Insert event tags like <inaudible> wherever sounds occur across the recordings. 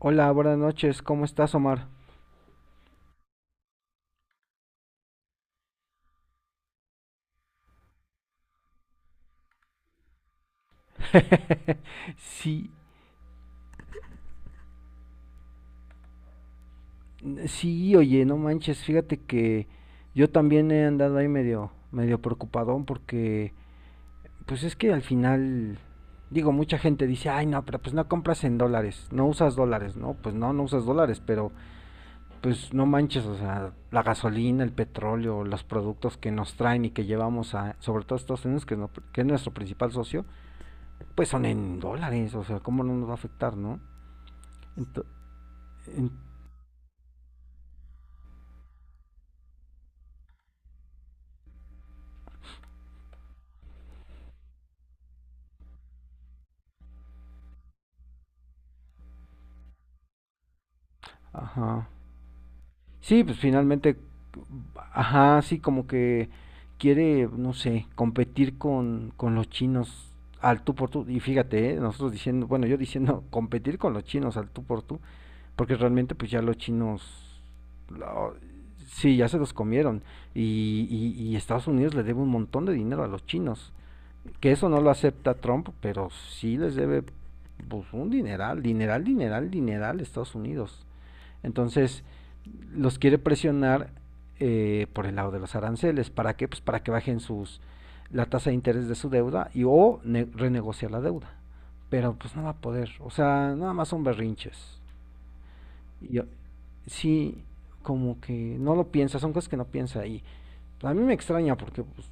Hola, buenas noches, ¿cómo estás, Omar? <laughs> Sí, sí, oye, no manches, fíjate que yo también he andado ahí medio, medio preocupadón porque, pues es que al final, digo, mucha gente dice, ay, no, pero pues no compras en dólares, no usas dólares, ¿no? Pues no, no usas dólares, pero pues no manches, o sea, la gasolina, el petróleo, los productos que nos traen y que llevamos a, sobre todo a Estados Unidos, que, es que es nuestro principal socio, pues son en dólares, o sea, ¿cómo no nos va a afectar, no? Ento- ajá. Sí, pues finalmente, ajá, sí, como que quiere, no sé, competir con los chinos al tú por tú. Y fíjate, nosotros diciendo, bueno, yo diciendo <laughs> competir con los chinos al tú por tú, porque realmente pues ya los chinos, lo- sí, ya se los comieron. Y Estados Unidos le debe un montón de dinero a los chinos. Que eso no lo acepta Trump, pero sí les debe pues, un dineral, dineral, dineral, dineral a Estados Unidos. Entonces, los quiere presionar por el lado de los aranceles. ¿Para qué? Pues para que bajen sus la tasa de interés de su deuda y o renegociar la deuda. Pero pues no va a poder. O sea, nada más son berrinches. Y, sí, como que no lo piensa, son cosas que no piensa ahí. A mí me extraña porque pues,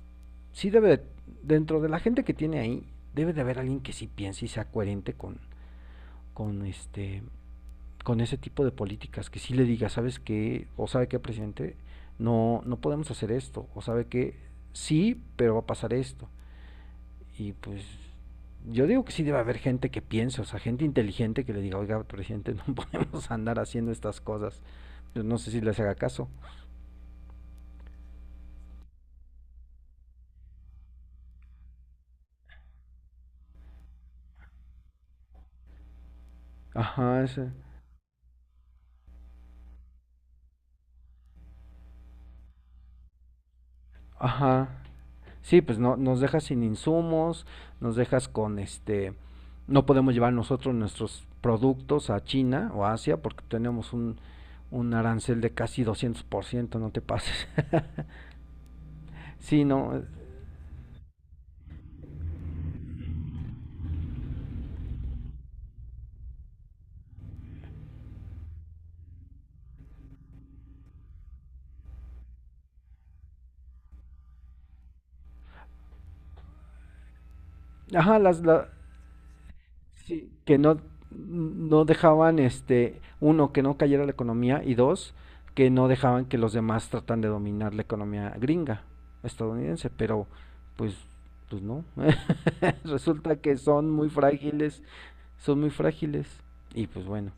sí debe, de, dentro de la gente que tiene ahí, debe de haber alguien que sí piense y sea coherente con este con ese tipo de políticas, que sí le diga, ¿sabes qué? O sabe qué presidente, no podemos hacer esto, o sabe qué sí, pero va a pasar esto. Y pues yo digo que sí debe haber gente que piense, o sea, gente inteligente que le diga, oiga, presidente, <laughs> no podemos andar haciendo estas cosas. Yo no sé si les haga caso. Ajá, ese. Ajá. Sí, pues no, nos dejas sin insumos, nos dejas con este, no podemos llevar nosotros nuestros productos a China o Asia porque tenemos un arancel de casi 200%, no te pases. <laughs> sí, no. Ajá, sí, que no, no dejaban, este, uno, que no cayera la economía y dos, que no dejaban que los demás tratan de dominar la economía gringa, estadounidense, pero pues, pues no. <laughs> Resulta que son muy frágiles, son muy frágiles y pues bueno,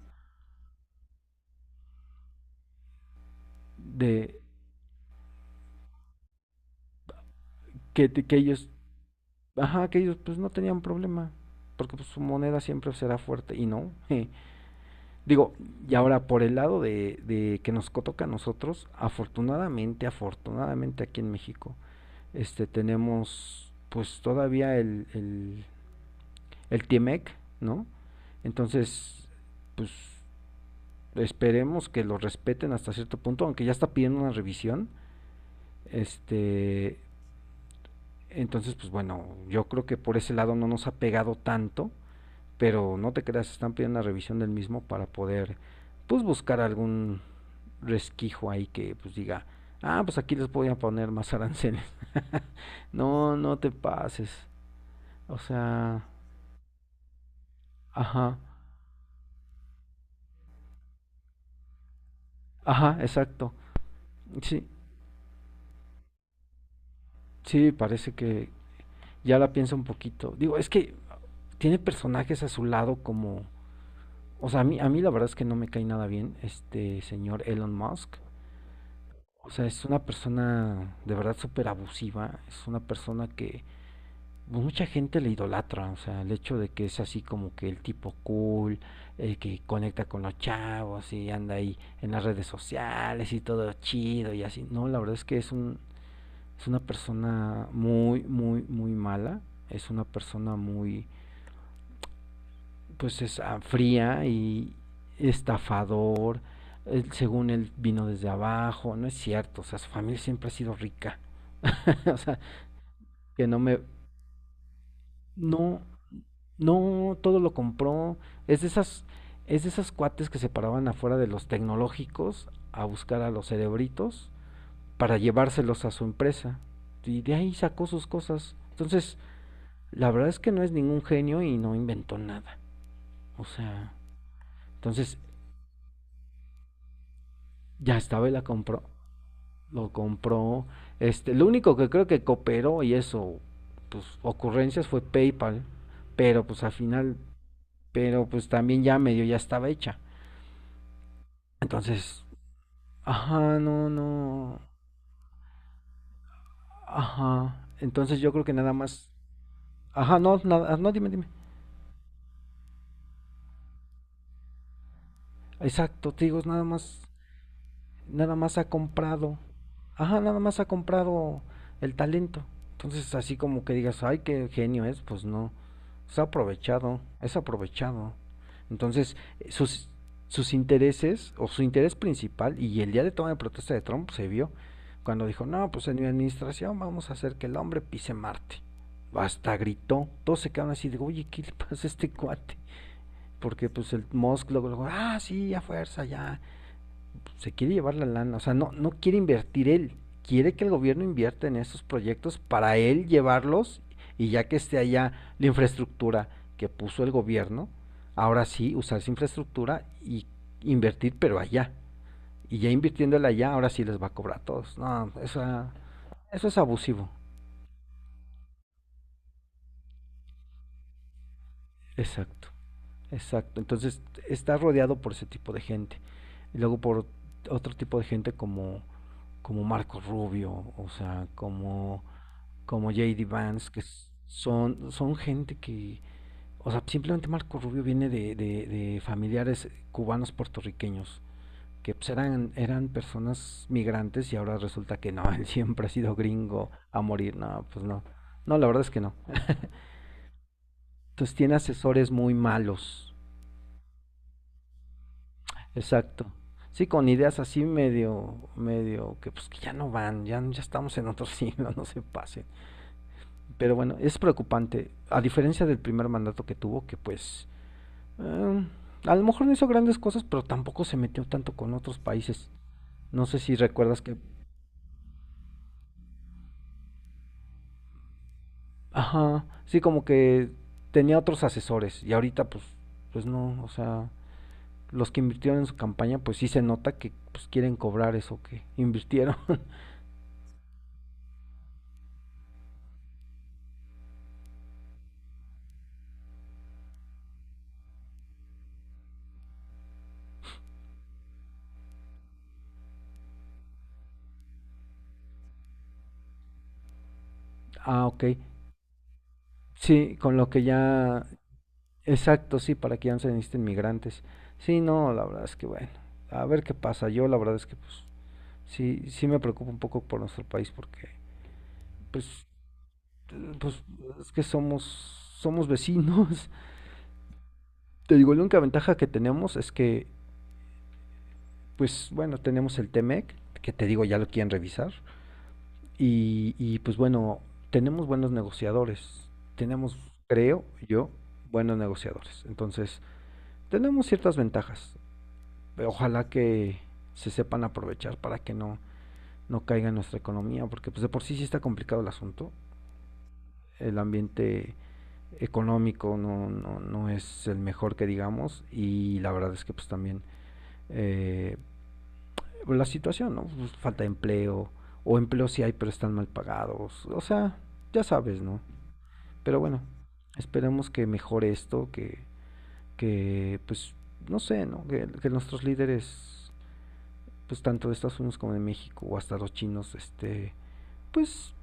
de que ellos, ajá, que ellos pues no tenían problema, porque pues, su moneda siempre será fuerte y no. <laughs> Digo, y ahora por el lado de que nos toca a nosotros, afortunadamente, afortunadamente aquí en México, este tenemos pues todavía el TIEMEC, ¿no? Entonces, pues esperemos que lo respeten hasta cierto punto, aunque ya está pidiendo una revisión, este. Entonces, pues bueno, yo creo que por ese lado no nos ha pegado tanto, pero no te creas, están pidiendo una revisión del mismo para poder, pues buscar algún resquicio ahí que pues diga, ah, pues aquí les voy a poner más aranceles. <laughs> no, no te pases. O sea, ajá, ajá, exacto. Sí, sí, parece que ya la piensa un poquito. Digo, es que tiene personajes a su lado como, o sea, a mí la verdad es que no me cae nada bien este señor Elon Musk. O sea, es una persona de verdad súper abusiva, es una persona que pues, mucha gente le idolatra, o sea, el hecho de que es así como que el tipo cool, el que conecta con los chavos y anda ahí en las redes sociales y todo chido y así. No, la verdad es que es una persona muy muy muy mala, es una persona muy pues es fría y estafador, según él vino desde abajo, no es cierto, o sea, su familia siempre ha sido rica. <laughs> o sea, que no me no no todo lo compró, es de esas es de esas cuates que se paraban afuera de los tecnológicos a buscar a los cerebritos para llevárselos a su empresa. Y de ahí sacó sus cosas. Entonces, la verdad es que no es ningún genio y no inventó nada. O sea, entonces ya estaba y la compró. Lo compró. Este, lo único que creo que cooperó y eso, pues ocurrencias fue PayPal, pero pues al final, pero pues también ya medio ya estaba hecha. Entonces, ajá, no, no, ajá. Entonces yo creo que nada más, ajá, no, nada, no, dime, dime. Exacto, te digo, nada más nada más ha comprado, ajá, nada más ha comprado el talento. Entonces, así como que digas, ay, qué genio es, pues no. Es aprovechado, es aprovechado. Entonces, sus, sus intereses o su interés principal, y el día de toma de protesta de Trump se vio cuando dijo, no, pues en mi administración vamos a hacer que el hombre pise Marte. Hasta gritó, todos se quedaron así de, oye, ¿qué le pasa a este cuate? Porque pues el Musk luego, luego, ah, sí, a fuerza, ya, se quiere llevar la lana, o sea, no, no quiere invertir él, quiere que el gobierno invierta en esos proyectos para él llevarlos y ya que esté allá la infraestructura que puso el gobierno, ahora sí usar esa infraestructura y invertir pero allá. Y ya invirtiéndola allá, ahora sí les va a cobrar a todos. No, eso es abusivo. Exacto, exacto. Entonces está rodeado por ese tipo de gente. Y luego por otro tipo de gente como, como Marco Rubio, o sea, como JD Vance, que son, son gente que, o sea, simplemente Marco Rubio viene de familiares cubanos puertorriqueños, que pues, eran, eran personas migrantes y ahora resulta que no, <laughs> él siempre ha sido gringo a morir, no, pues no, no, la verdad es que no. Entonces tiene asesores muy malos, exacto. Sí, con ideas así medio, medio, que pues que ya no van, ya, ya estamos en otro <laughs> siglo, no se pasen. Pero bueno, es preocupante, a diferencia del primer mandato que tuvo, que pues Eh, a lo mejor no hizo grandes cosas, pero tampoco se metió tanto con otros países. No sé si recuerdas que, ajá, sí, como que tenía otros asesores y ahorita pues, pues no, o sea, los que invirtieron en su campaña, pues sí se nota que pues quieren cobrar eso que invirtieron. <laughs> ah, ok. Sí, con lo que ya, exacto, sí, para que ya no se necesiten migrantes. Sí, no, la verdad es que bueno, a ver qué pasa. Yo la verdad es que pues sí, sí me preocupa un poco por nuestro país porque pues pues es que somos, somos vecinos. <laughs> Te digo, la única ventaja que tenemos es que, pues bueno, tenemos el Temec, que te digo, ya lo quieren revisar. Y pues bueno, tenemos buenos negociadores. Tenemos, creo yo, buenos negociadores. Entonces, tenemos ciertas ventajas. Ojalá que se sepan aprovechar para que no, no caiga en nuestra economía, porque pues de por sí sí está complicado el asunto. El ambiente económico, no, no, no es el mejor que digamos y la verdad es que pues también eh, la situación, ¿no? Pues, falta de empleo o empleo sí hay pero están mal pagados, o sea, ya sabes, ¿no? Pero bueno, esperemos que mejore esto, que pues no sé, ¿no? Que nuestros líderes, pues tanto de Estados Unidos como de México o hasta los chinos, este, pues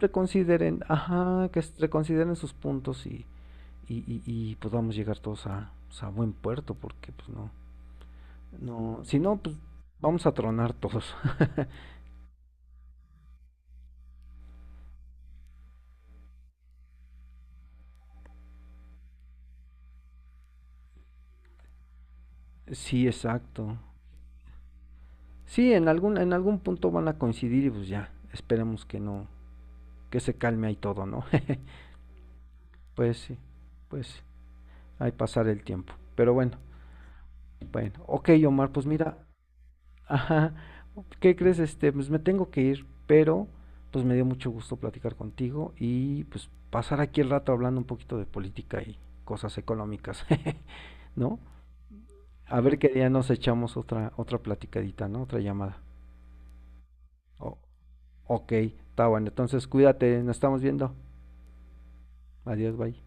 reconsideren, ajá, que reconsideren sus puntos y pues vamos a llegar todos a, pues, a buen puerto, porque pues no, no, si no, pues vamos a tronar todos. <laughs> Sí, exacto. Sí, en algún punto van a coincidir y pues ya, esperemos que no, que se calme ahí todo, ¿no? <laughs> Pues sí, pues ahí pasar el tiempo. Pero bueno, bueno, ok Omar, pues mira, ajá. ¿Qué crees? Este, pues me tengo que ir, pero pues me dio mucho gusto platicar contigo y pues pasar aquí el rato hablando un poquito de política y cosas económicas, <laughs> ¿no? A ver qué día nos echamos otra otra platicadita, ¿no? Otra llamada. O- ok, está bueno. Entonces cuídate, nos estamos viendo. Adiós, bye.